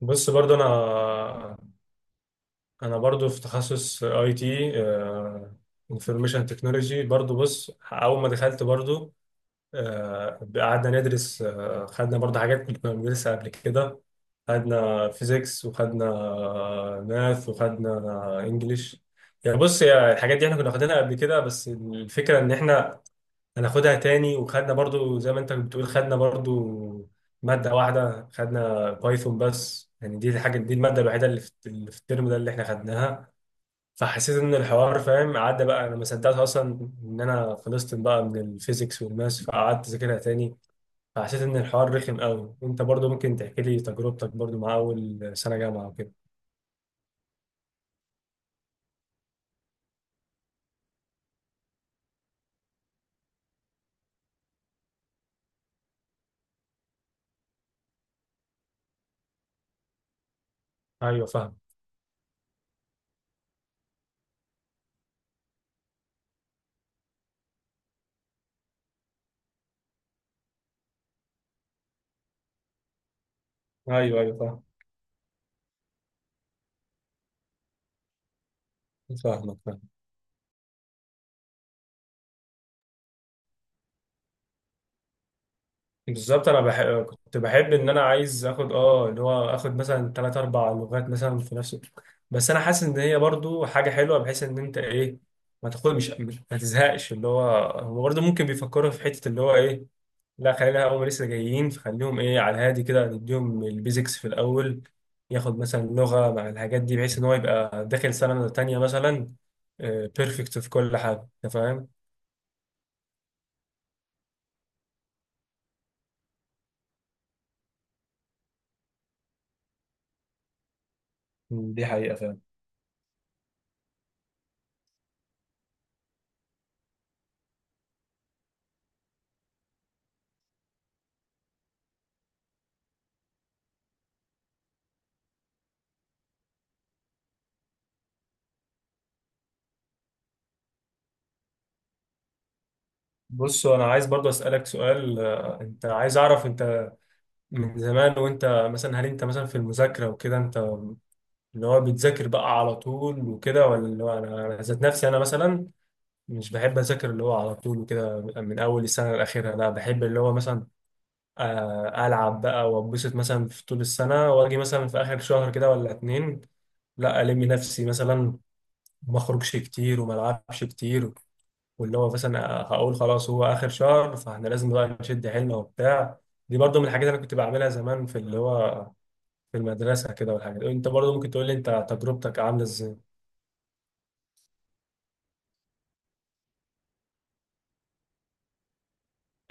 بص، برضو انا برضو في تخصص اي تي. انفورميشن تكنولوجي، برضو بص، اول ما دخلت برضو قعدنا ندرس. خدنا برضو حاجات كنا بندرسها قبل كده، خدنا فيزيكس وخدنا ماث وخدنا انجليش. يعني بص، هي الحاجات دي احنا كنا واخدينها قبل كده، بس الفكره ان احنا هناخدها تاني. وخدنا برضو زي ما انت بتقول، خدنا برضو مادة واحدة، خدنا بايثون بس. يعني دي الحاجة، دي المادة الوحيدة اللي في الترم ده اللي احنا خدناها. فحسيت ان الحوار فاهم، عدى بقى. انا ما صدقت اصلا ان انا خلصت بقى من الفيزيكس والماس، فقعدت اذاكرها تاني. فحسيت ان الحوار رخم قوي. انت برضو ممكن تحكي لي تجربتك برضو مع اول سنة جامعة وكده؟ ايوه فاهم. ايوه ايوه فاهم. فاهمك. بالظبط، انا بحب، كنت بحب ان انا عايز اخد اللي هو اخد مثلا ثلاث اربع لغات مثلا في نفس. بس انا حاسس ان هي برضو حاجه حلوه، بحيث ان انت ايه، ما تاخد، ما تزهقش اللي هو. هو برضو ممكن بيفكروا في حته اللي هو ايه، لا خلينا هم لسه جايين، فخليهم ايه على الهادي كده، نديهم البيزكس في الاول. ياخد مثلا لغه مع الحاجات دي، بحيث ان هو يبقى داخل سنه تانية مثلا بيرفكت في كل حاجه. انت فاهم؟ دي حقيقة فعلا. بص، انا عايز برضو اسالك سؤال. انت عايز اعرف، انت من زمان وانت مثلا، هل انت مثلا في المذاكره وكده، انت اللي هو بتذاكر بقى على طول وكده ولا اللي هو؟ أنا ذات نفسي، انا مثلا مش بحب اذاكر اللي هو على طول وكده من اول السنه لاخرها. لا، بحب اللي هو مثلا العب بقى واتبسط مثلا في طول السنه، واجي مثلا في اخر شهر كده ولا اتنين، لا الم نفسي مثلا، ما اخرجش كتير وما العبش كتير، واللي هو مثلا هقول خلاص هو اخر شهر فاحنا لازم بقى نشد حيلنا وبتاع. دي برضو من الحاجات اللي أنا كنت بعملها زمان في اللي هو، في المدرسه كده والحاجات. انت برضو ممكن تقول لي انت تجربتك عامله ازاي؟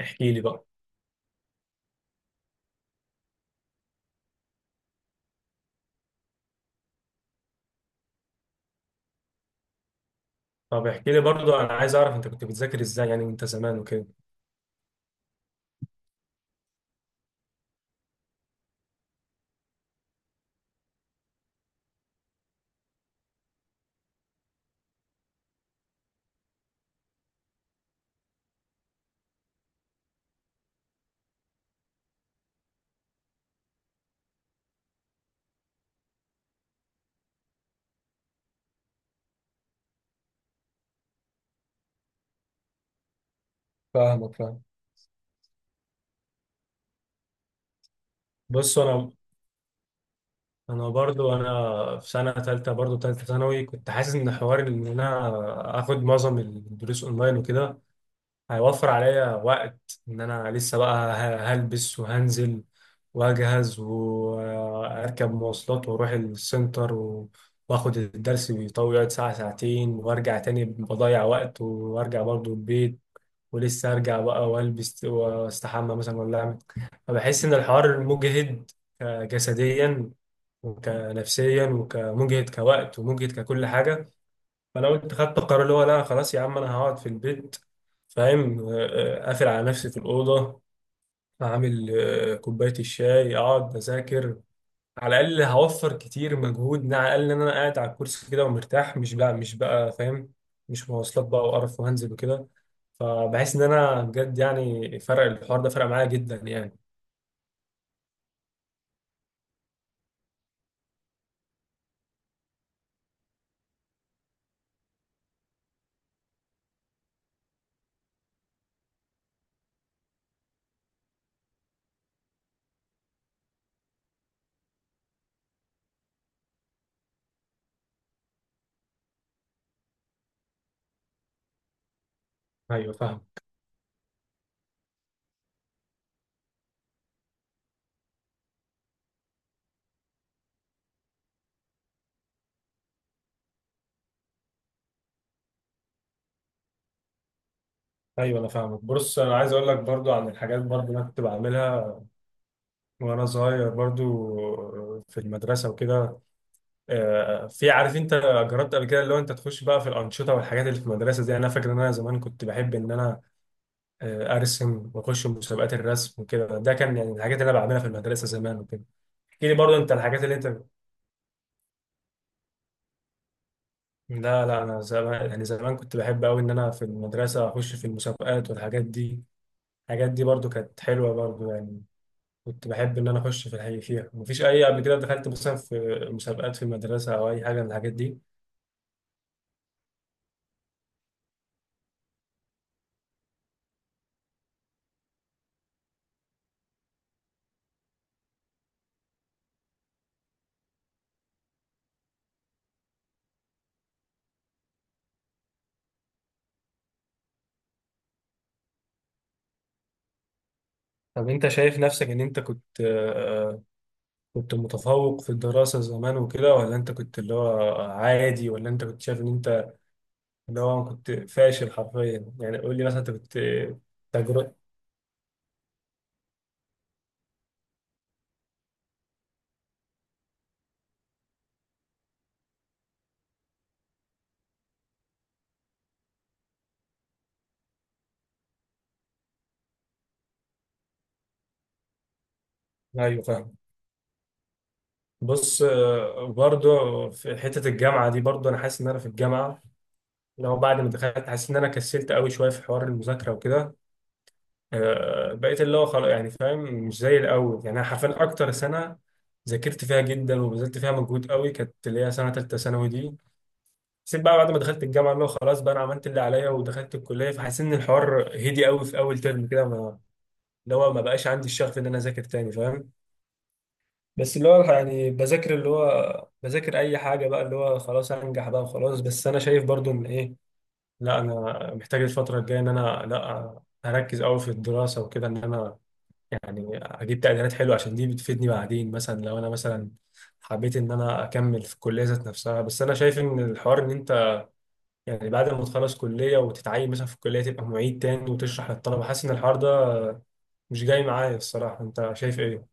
احكي لي بقى. طب احكي لي برضو، انا عايز اعرف انت كنت بتذاكر ازاي يعني انت زمان وكده. فاهمك، فاهم. بص انا، انا برضو انا في سنه ثالثه، برضو ثالثه ثانوي، كنت حاسس ان حوار ان انا اخد معظم الدروس اونلاين وكده هيوفر عليا وقت. ان انا لسه بقى هلبس وهنزل واجهز واركب مواصلات واروح السنتر، واخد الدرس بيطول، يقعد ساعة ساعتين، وارجع تاني بضيع وقت، وارجع برضو البيت، ولسه ارجع بقى والبس واستحمى مثلا ولا اعمل. فبحس ان الحوار مجهد جسديا وكنفسيا وكمجهد كوقت ومجهد ككل حاجة. فانا قلت خدت القرار اللي هو لا، خلاص يا عم انا هقعد في البيت، فاهم، قافل على نفسي في الاوضه، اعمل كوبايه الشاي، اقعد اذاكر. على الاقل هوفر كتير مجهود، على الاقل ان انا قاعد على الكرسي كده ومرتاح، مش بقى فاهم مش مواصلات بقى وقرف وهنزل وكده. فبحس ان انا بجد يعني فرق الحوار ده فرق معايا جدا يعني. ايوه فاهم. ايوه انا فاهمك. بص انا عايز اقول لك برضو عن الحاجات برضو اللي انا كنت بعملها وانا صغير برضو في المدرسه وكده. في عارف انت، جربت قبل كده اللي هو انت تخش بقى في الانشطه والحاجات اللي في المدرسه دي؟ انا فاكر ان انا زمان كنت بحب ان انا ارسم واخش مسابقات الرسم وكده. ده كان يعني الحاجات اللي انا بعملها في المدرسه زمان وكده. احكي لي برضه انت الحاجات اللي انت. لا لا، انا زمان يعني زمان كنت بحب قوي ان انا في المدرسه اخش في المسابقات والحاجات دي. الحاجات دي برضه كانت حلوه برضه يعني. كنت بحب ان انا اخش في الحقيقة فيها. مفيش اي قبل كده دخلت مثلا في مسابقات في المدرسه او اي حاجه من الحاجات دي. طب انت شايف نفسك ان انت كنت متفوق في الدراسة زمان وكده، ولا انت كنت اللي هو عادي، ولا انت كنت شايف ان انت اللي هو كنت فاشل حرفيا؟ يعني قول لي مثلا انت كنت تجربة. ايوه فاهم. بص، برضه في حتة الجامعة دي برضه انا حاسس ان انا في الجامعة، لو بعد ما دخلت، حاسس ان انا كسلت قوي شوية في حوار المذاكرة وكده. بقيت اللي هو خلاص يعني فاهم، مش زي الاول، يعني انا حرفيا اكتر سنة ذاكرت فيها جدا وبذلت فيها مجهود قوي كانت اللي هي سنة تالتة ثانوي دي. حسيت بقى بعد ما دخلت الجامعه اللي هو خلاص بقى، انا عملت اللي عليا ودخلت الكليه، فحسيت ان الحوار هدي قوي في اول ترم كده، ما اللي هو ما بقاش عندي الشغف ان انا اذاكر تاني، فاهم. بس اللي هو يعني بذاكر اي حاجه بقى، اللي هو خلاص انجح بقى وخلاص. بس انا شايف برضو ان ايه، لا انا محتاج الفتره الجايه ان انا لا، اركز قوي في الدراسه وكده، ان انا يعني اجيب تقديرات حلوه عشان دي بتفيدني بعدين مثلا لو انا مثلا حبيت ان انا اكمل في الكليه ذات نفسها. بس انا شايف ان الحوار ان انت يعني بعد ما تخلص كلية وتتعين مثلا في الكلية، تبقى معيد تاني وتشرح للطلبة، حاسس إن الحوار ده مش جاي معايا الصراحة. أنت شايف إيه؟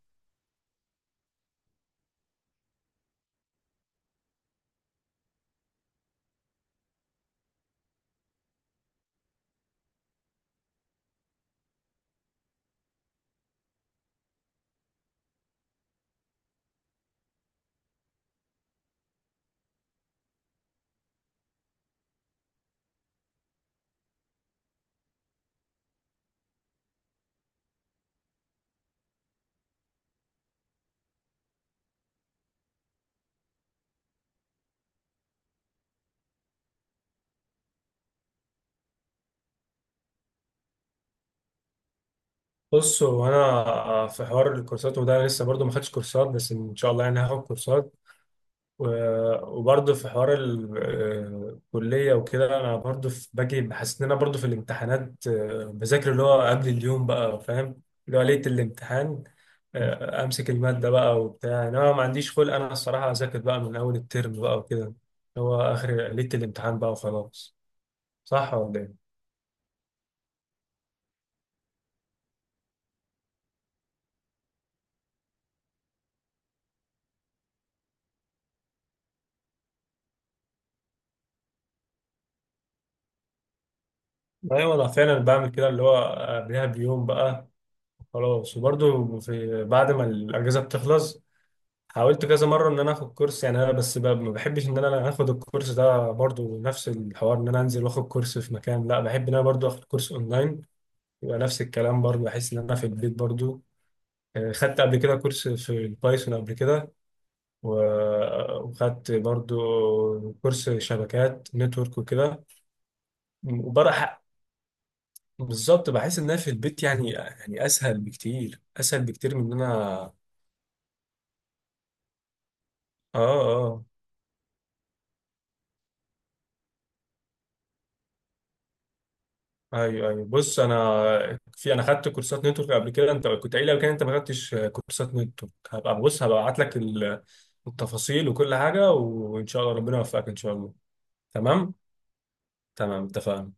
بص، هو أنا في حوار الكورسات وده أنا لسه برضو ما خدتش كورسات، بس إن شاء الله يعني هاخد كورسات. وبرضه في حوار الكلية وكده. أنا برضه باجي بحس إن أنا برضه في الامتحانات بذاكر اللي هو قبل اليوم بقى، فاهم، اللي هو ليلة الامتحان. أمسك المادة بقى وبتاع. إنما ما عنديش خلق أنا الصراحة أذاكر بقى من أول الترم بقى وكده، اللي هو آخر ليلة الامتحان بقى وخلاص. صح ولا إيه؟ أيوة أنا فعلا بعمل كده اللي هو قبلها بيوم بقى خلاص. وبرضه في بعد ما الأجازة بتخلص، حاولت كذا مره ان انا اخد كورس، يعني انا بس ما بحبش ان انا اخد الكورس ده برضو نفس الحوار ان انا انزل واخد كورس في مكان، لا بحب ان انا برضو اخد كورس اونلاين، يبقى نفس الكلام برضو بحس ان انا في البيت برضو. خدت قبل كده كورس في البايثون قبل كده، وخدت برضو كورس شبكات نتورك وكده، وبرا. بالظبط بحس ان انا في البيت، يعني اسهل بكتير اسهل بكتير من ان انا. اه. اه. ايوه ايوه، بص انا في، انا خدت كورسات نتورك قبل كده. انت كنت قايل لو كان انت ما خدتش كورسات نتورك، هبقى ابعت لك التفاصيل وكل حاجه، وان شاء الله ربنا يوفقك ان شاء الله. تمام. تمام اتفقنا.